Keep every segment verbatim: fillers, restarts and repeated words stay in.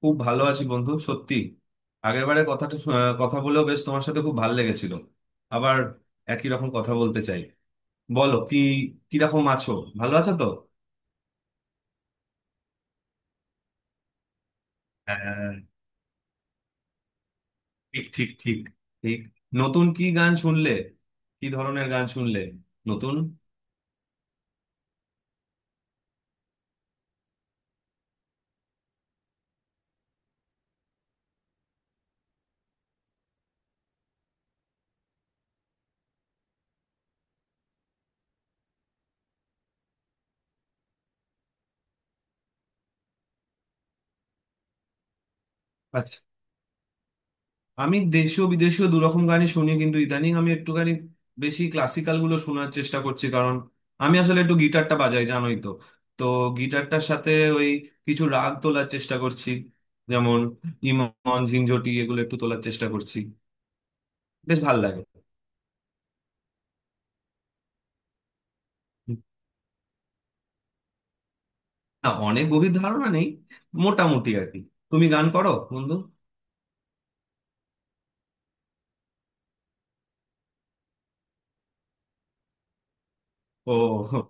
খুব ভালো আছি বন্ধু, সত্যি। আগের বারে কথাটা শু- আহ, কথা বলেও বেশ তোমার সাথে খুব ভালো লেগেছিল। আবার একই রকম কথা বলতে চাই। বলো কি, কিরকম আছো? ভালো আছো তো? হ্যাঁ। ঠিক ঠিক ঠিক। ঠিক। নতুন কি গান শুনলে? কি ধরনের গান শুনলে নতুন? আচ্ছা, আমি দেশীয় বিদেশীয় দুরকম গানই শুনি, কিন্তু ইদানিং আমি একটুখানি বেশি ক্লাসিক্যাল গুলো শোনার চেষ্টা করছি, কারণ আমি আসলে একটু গিটারটা বাজাই, জানোই তো। তো গিটারটার সাথে ওই কিছু রাগ তোলার চেষ্টা করছি, যেমন ইমন, ঝিনঝটি, এগুলো একটু তোলার চেষ্টা করছি। বেশ ভাল লাগে। না, অনেক গভীর ধারণা নেই, মোটামুটি আর কি। তুমি গান করো বন্ধু? ও।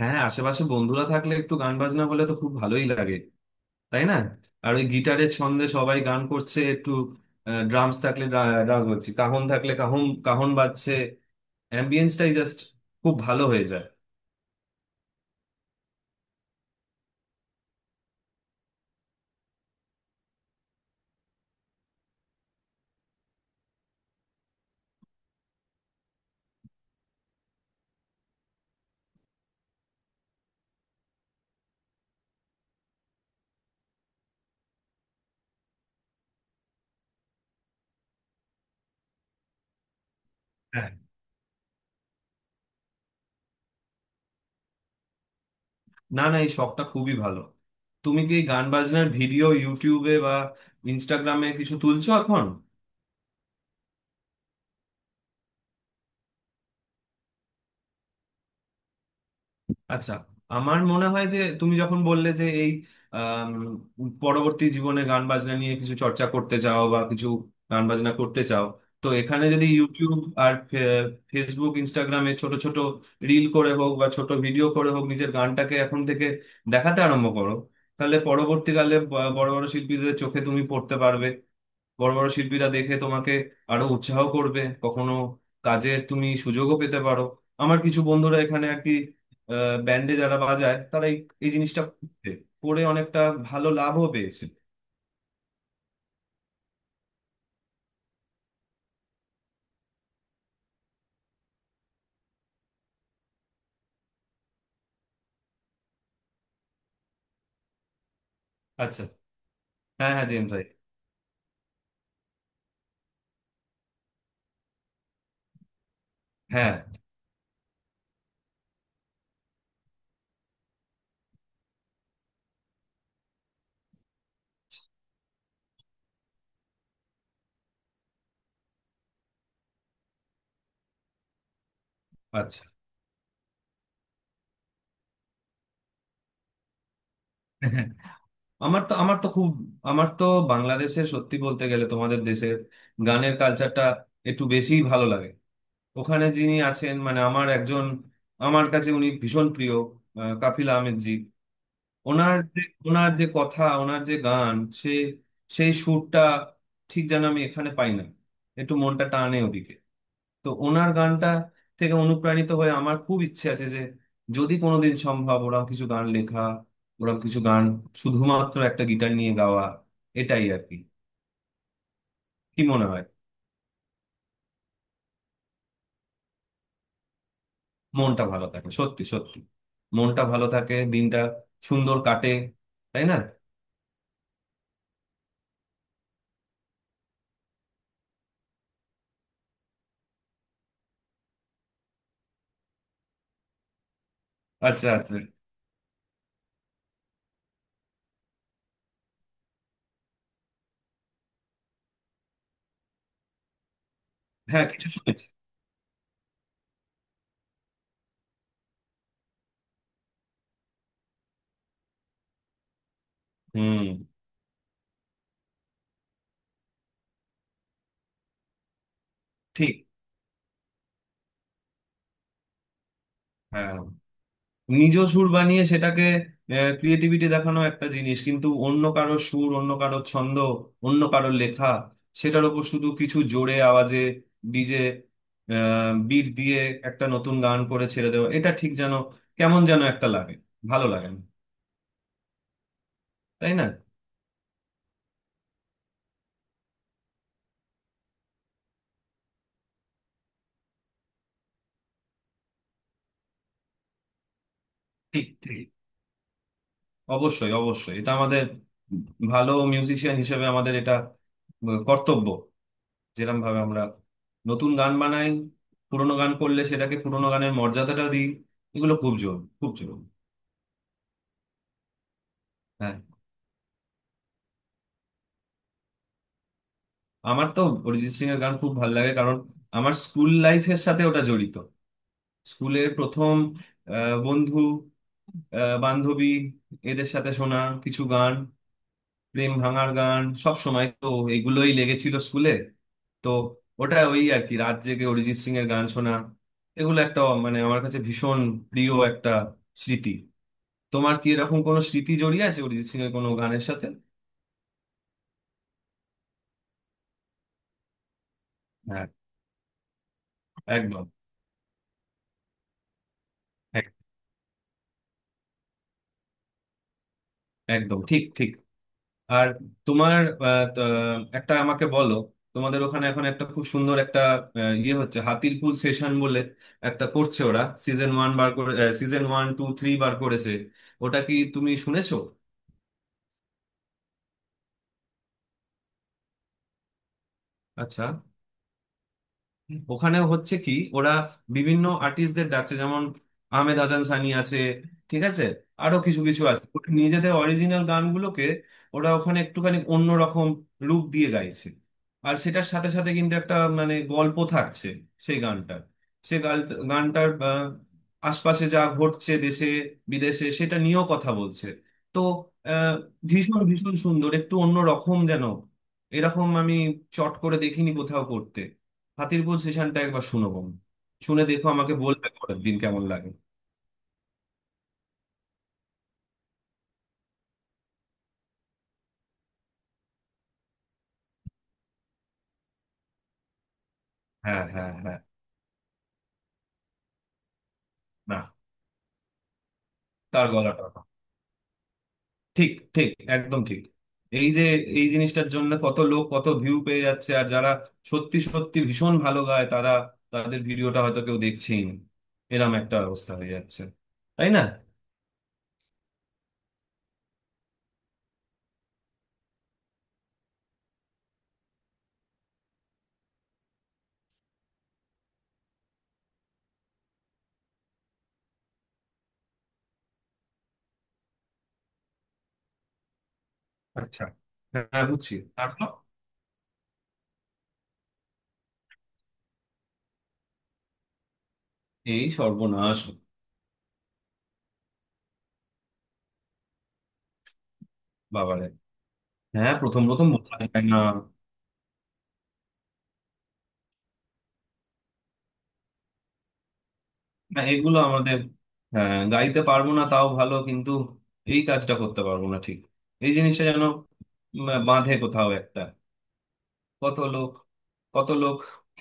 হ্যাঁ, আশেপাশে বন্ধুরা থাকলে একটু গান বাজনা বলে তো খুব ভালোই লাগে, তাই না? আর ওই গিটারের ছন্দে সবাই গান করছে একটু, ড্রামস থাকলে ড্রামস বাজছে, কাহন থাকলে কাহন কাহন বাজছে, অ্যাম্বিয়েন্সটাই জাস্ট খুব ভালো হয়ে যায়। হ্যাঁ। না না, এই শখটা খুবই ভালো। তুমি কি এই গান বাজনার ভিডিও ইউটিউবে বা ইনস্টাগ্রামে কিছু তুলছো এখন? আচ্ছা, আমার মনে হয় যে তুমি যখন বললে যে এই আম, পরবর্তী জীবনে গান বাজনা নিয়ে কিছু চর্চা করতে চাও বা কিছু গান বাজনা করতে চাও, তো এখানে যদি ইউটিউব আর ফে- ফেসবুক ইনস্টাগ্রামে ছোট ছোট রিল করে হোক বা ছোট ভিডিও করে হোক, নিজের গানটাকে এখন থেকে দেখাতে আরম্ভ করো, তাহলে পরবর্তীকালে ব- বড় বড় শিল্পীদের চোখে তুমি পড়তে পারবে। বড় বড় শিল্পীরা দেখে তোমাকে আরো উৎসাহ করবে, কখনো কাজের তুমি সুযোগও পেতে পারো। আমার কিছু বন্ধুরা এখানে আর কি ব্যান্ডে যারা বাজায় তারা এই এই জিনিসটা করছে। করে অনেকটা ভালো লাভও পেয়েছে। আচ্ছা। হ্যাঁ হ্যাঁ, জেমস ভাই। হ্যাঁ। আচ্ছা। আমার তো আমার তো খুব, আমার তো বাংলাদেশে সত্যি বলতে গেলে তোমাদের দেশের গানের কালচারটা একটু বেশিই ভালো লাগে। ওখানে যিনি আছেন মানে আমার একজন, আমার কাছে উনি ভীষণ প্রিয়, আহ, কাফিল আহমেদ জি। ওনার যে ওনার যে কথা, ওনার যে গান, সে সেই সুরটা ঠিক যেন আমি এখানে পাই না, একটু মনটা টানে ওদিকে। তো ওনার গানটা থেকে অনুপ্রাণিত হয়ে আমার খুব ইচ্ছে আছে যে যদি কোনোদিন সম্ভব ওরকম কিছু গান লেখা, ওরকম কিছু গান শুধুমাত্র একটা গিটার নিয়ে গাওয়া, এটাই আর কি। কি মনে হয়? মনটা ভালো থাকে, সত্যি সত্যি মনটা ভালো থাকে, দিনটা সুন্দর কাটে, তাই না? আচ্ছা আচ্ছা। হ্যাঁ কিছু শুনেছি। হুম। ঠিক। হ্যাঁ, নিজ সুর বানিয়ে সেটাকে ক্রিয়েটিভিটি দেখানো একটা জিনিস, কিন্তু অন্য কারো সুর, অন্য কারো ছন্দ, অন্য কারো লেখা, সেটার ওপর শুধু কিছু জোরে আওয়াজে ডিজে বিট দিয়ে একটা নতুন গান করে ছেড়ে দেওয়া, এটা ঠিক যেন কেমন যেন একটা লাগে, ভালো লাগে না, তাই না? ঠিক ঠিক। অবশ্যই অবশ্যই, এটা আমাদের ভালো মিউজিশিয়ান হিসেবে আমাদের এটা আহ, কর্তব্য। যেরকম ভাবে আমরা নতুন গান বানাই, পুরোনো গান করলে সেটাকে পুরোনো গানের মর্যাদাটা দিই। এগুলো খুব জোর, খুব জোর। হ্যাঁ। আমার তো অরিজিৎ সিং এর গান খুব ভালো লাগে, কারণ আমার স্কুল লাইফের সাথে ওটা জড়িত। স্কুলের প্রথম আহ, বন্ধু, আহ, বান্ধবী, এদের সাথে শোনা কিছু গান, প্রেম ভাঙার গান, সব সময় তো এগুলোই লেগেছিল স্কুলে। তো ওটা ওই আর কি, রাত জেগে অরিজিৎ সিং এর গান শোনা, এগুলো একটা মানে আমার কাছে ভীষণ প্রিয় একটা স্মৃতি। তোমার কি এরকম কোনো স্মৃতি জড়িয়ে আছে অরিজিৎ সিং এর কোনো গানের সাথে? হ্যাঁ। একদম। এক- একদম ঠিক ঠিক। আর তোমার আহ, ত- একটা আমাকে বলো, তোমাদের ওখানে এখন একটা খুব সুন্দর একটা আহ, ইয়ে হচ্ছে হাতির পুল সেশন বলে একটা করছে, ওরা সিজন ওয়ান বার করে, সিজন ওয়ান টু থ্রি বার করেছে। ওটা কি তুমি শুনেছো? আচ্ছা, ওখানে হচ্ছে কি ওরা বিভিন্ন আর্টিস্টদের ডাকছে, যেমন আহমেদ হাসান সানি আছে, ঠিক আছে, আরো কিছু কিছু আছে। ওরা নিজেদের অরিজিনাল গানগুলোকে ওরা ওখানে একটুখানি অন্যরকম রূপ দিয়ে গাইছে। আর সেটার সাথে সাথে কিন্তু একটা মানে গল্প থাকছে সেই গানটার। সেই গাল- গানটার আহ, আশপাশে যা ঘটছে দেশে বিদেশে সেটা নিয়েও কথা বলছে। তো আহ, ভীষণ ভীষণ সুন্দর, একটু অন্য রকম যেন। এরকম আমি চট করে দেখিনি কোথাও করতে। হাতির পুল সেশনটা একবার শুনো বোন। শুনে দেখো, আমাকে বলবে পরের দিন কেমন লাগে। হ্যাঁ হ্যাঁ হ্যাঁ। না, তার গলাটা না। ঠিক ঠিক, একদম ঠিক। এই যে এই জিনিসটার জন্য কত লোক কত ভিউ পেয়ে যাচ্ছে, আর যারা সত্যি সত্যি ভীষণ ভালো গায় তারা, তাদের ভিডিওটা হয়তো কেউ দেখছেই না। এরম একটা অবস্থা হয়ে যাচ্ছে, তাই না? আচ্ছা। হ্যাঁ বুঝছি, তারপর? এই সর্বনাশ। বাবারে। হ্যাঁ, প্রথম প্রথম বোঝা যায় না। না, এগুলো আমাদের, হ্যাঁ, গাইতে পারবো না তাও ভালো, কিন্তু এই কাজটা করতে পারবো না। ঠিক। এই জিনিসটা যেন মা- বাঁধে কোথাও একটা। কত লোক, কত লোক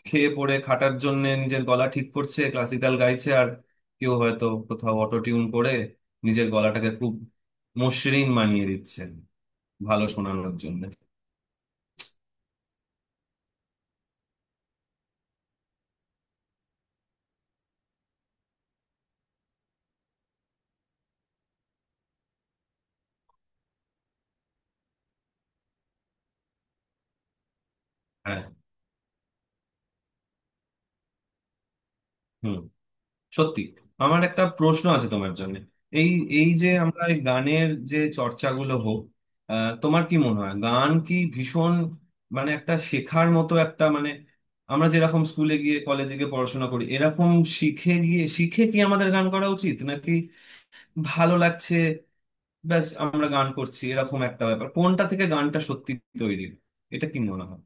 খেয়ে পড়ে খাটার জন্য নিজের গলা ঠিক করছে, ক্লাসিক্যাল গাইছে, আর কেউ হয়তো কোথাও অটো টিউন করে নিজের গলাটাকে খুব মসৃণ বানিয়ে দিচ্ছেন ভালো শোনানোর জন্য। হ্যাঁ। হুম। সত্যি। আমার একটা প্রশ্ন আছে তোমার জন্য। এই এই যে আমরা এই গানের যে চর্চাগুলো হোক, আহ, তোমার কি মনে হয় গান কি ভীষণ মানে একটা শেখার মতো একটা মানে, আমরা যেরকম স্কুলে গিয়ে কলেজে গিয়ে পড়াশোনা করি এরকম শিখে গিয়ে, শিখে কি আমাদের গান করা উচিত, নাকি ভালো লাগছে ব্যাস আমরা গান করছি এরকম একটা ব্যাপার, কোনটা থেকে গানটা সত্যি তৈরি? এটা কি মনে হয়?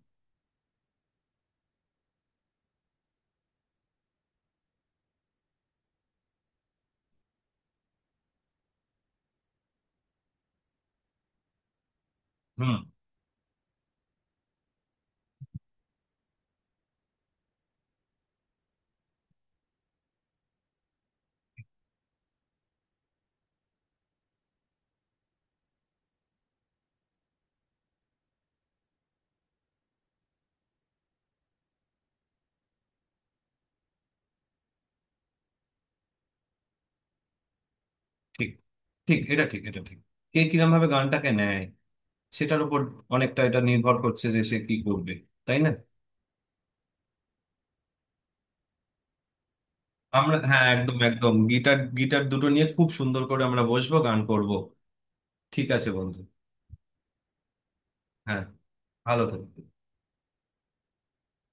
হুম। ঠিক ঠিক, এটা ঠিক, এটা ঠিক। কে কিরম ভাবে গানটাকে নেয় সেটার উপর অনেকটা এটা নির্ভর করছে যে সে কি করবে, তাই না? আমরা, হ্যাঁ, একদম একদম, গিটার গিটার দুটো নিয়ে খুব সুন্দর করে আমরা বসবো, গান করব। ঠিক আছে বন্ধু। হ্যাঁ, ভালো থাকবে।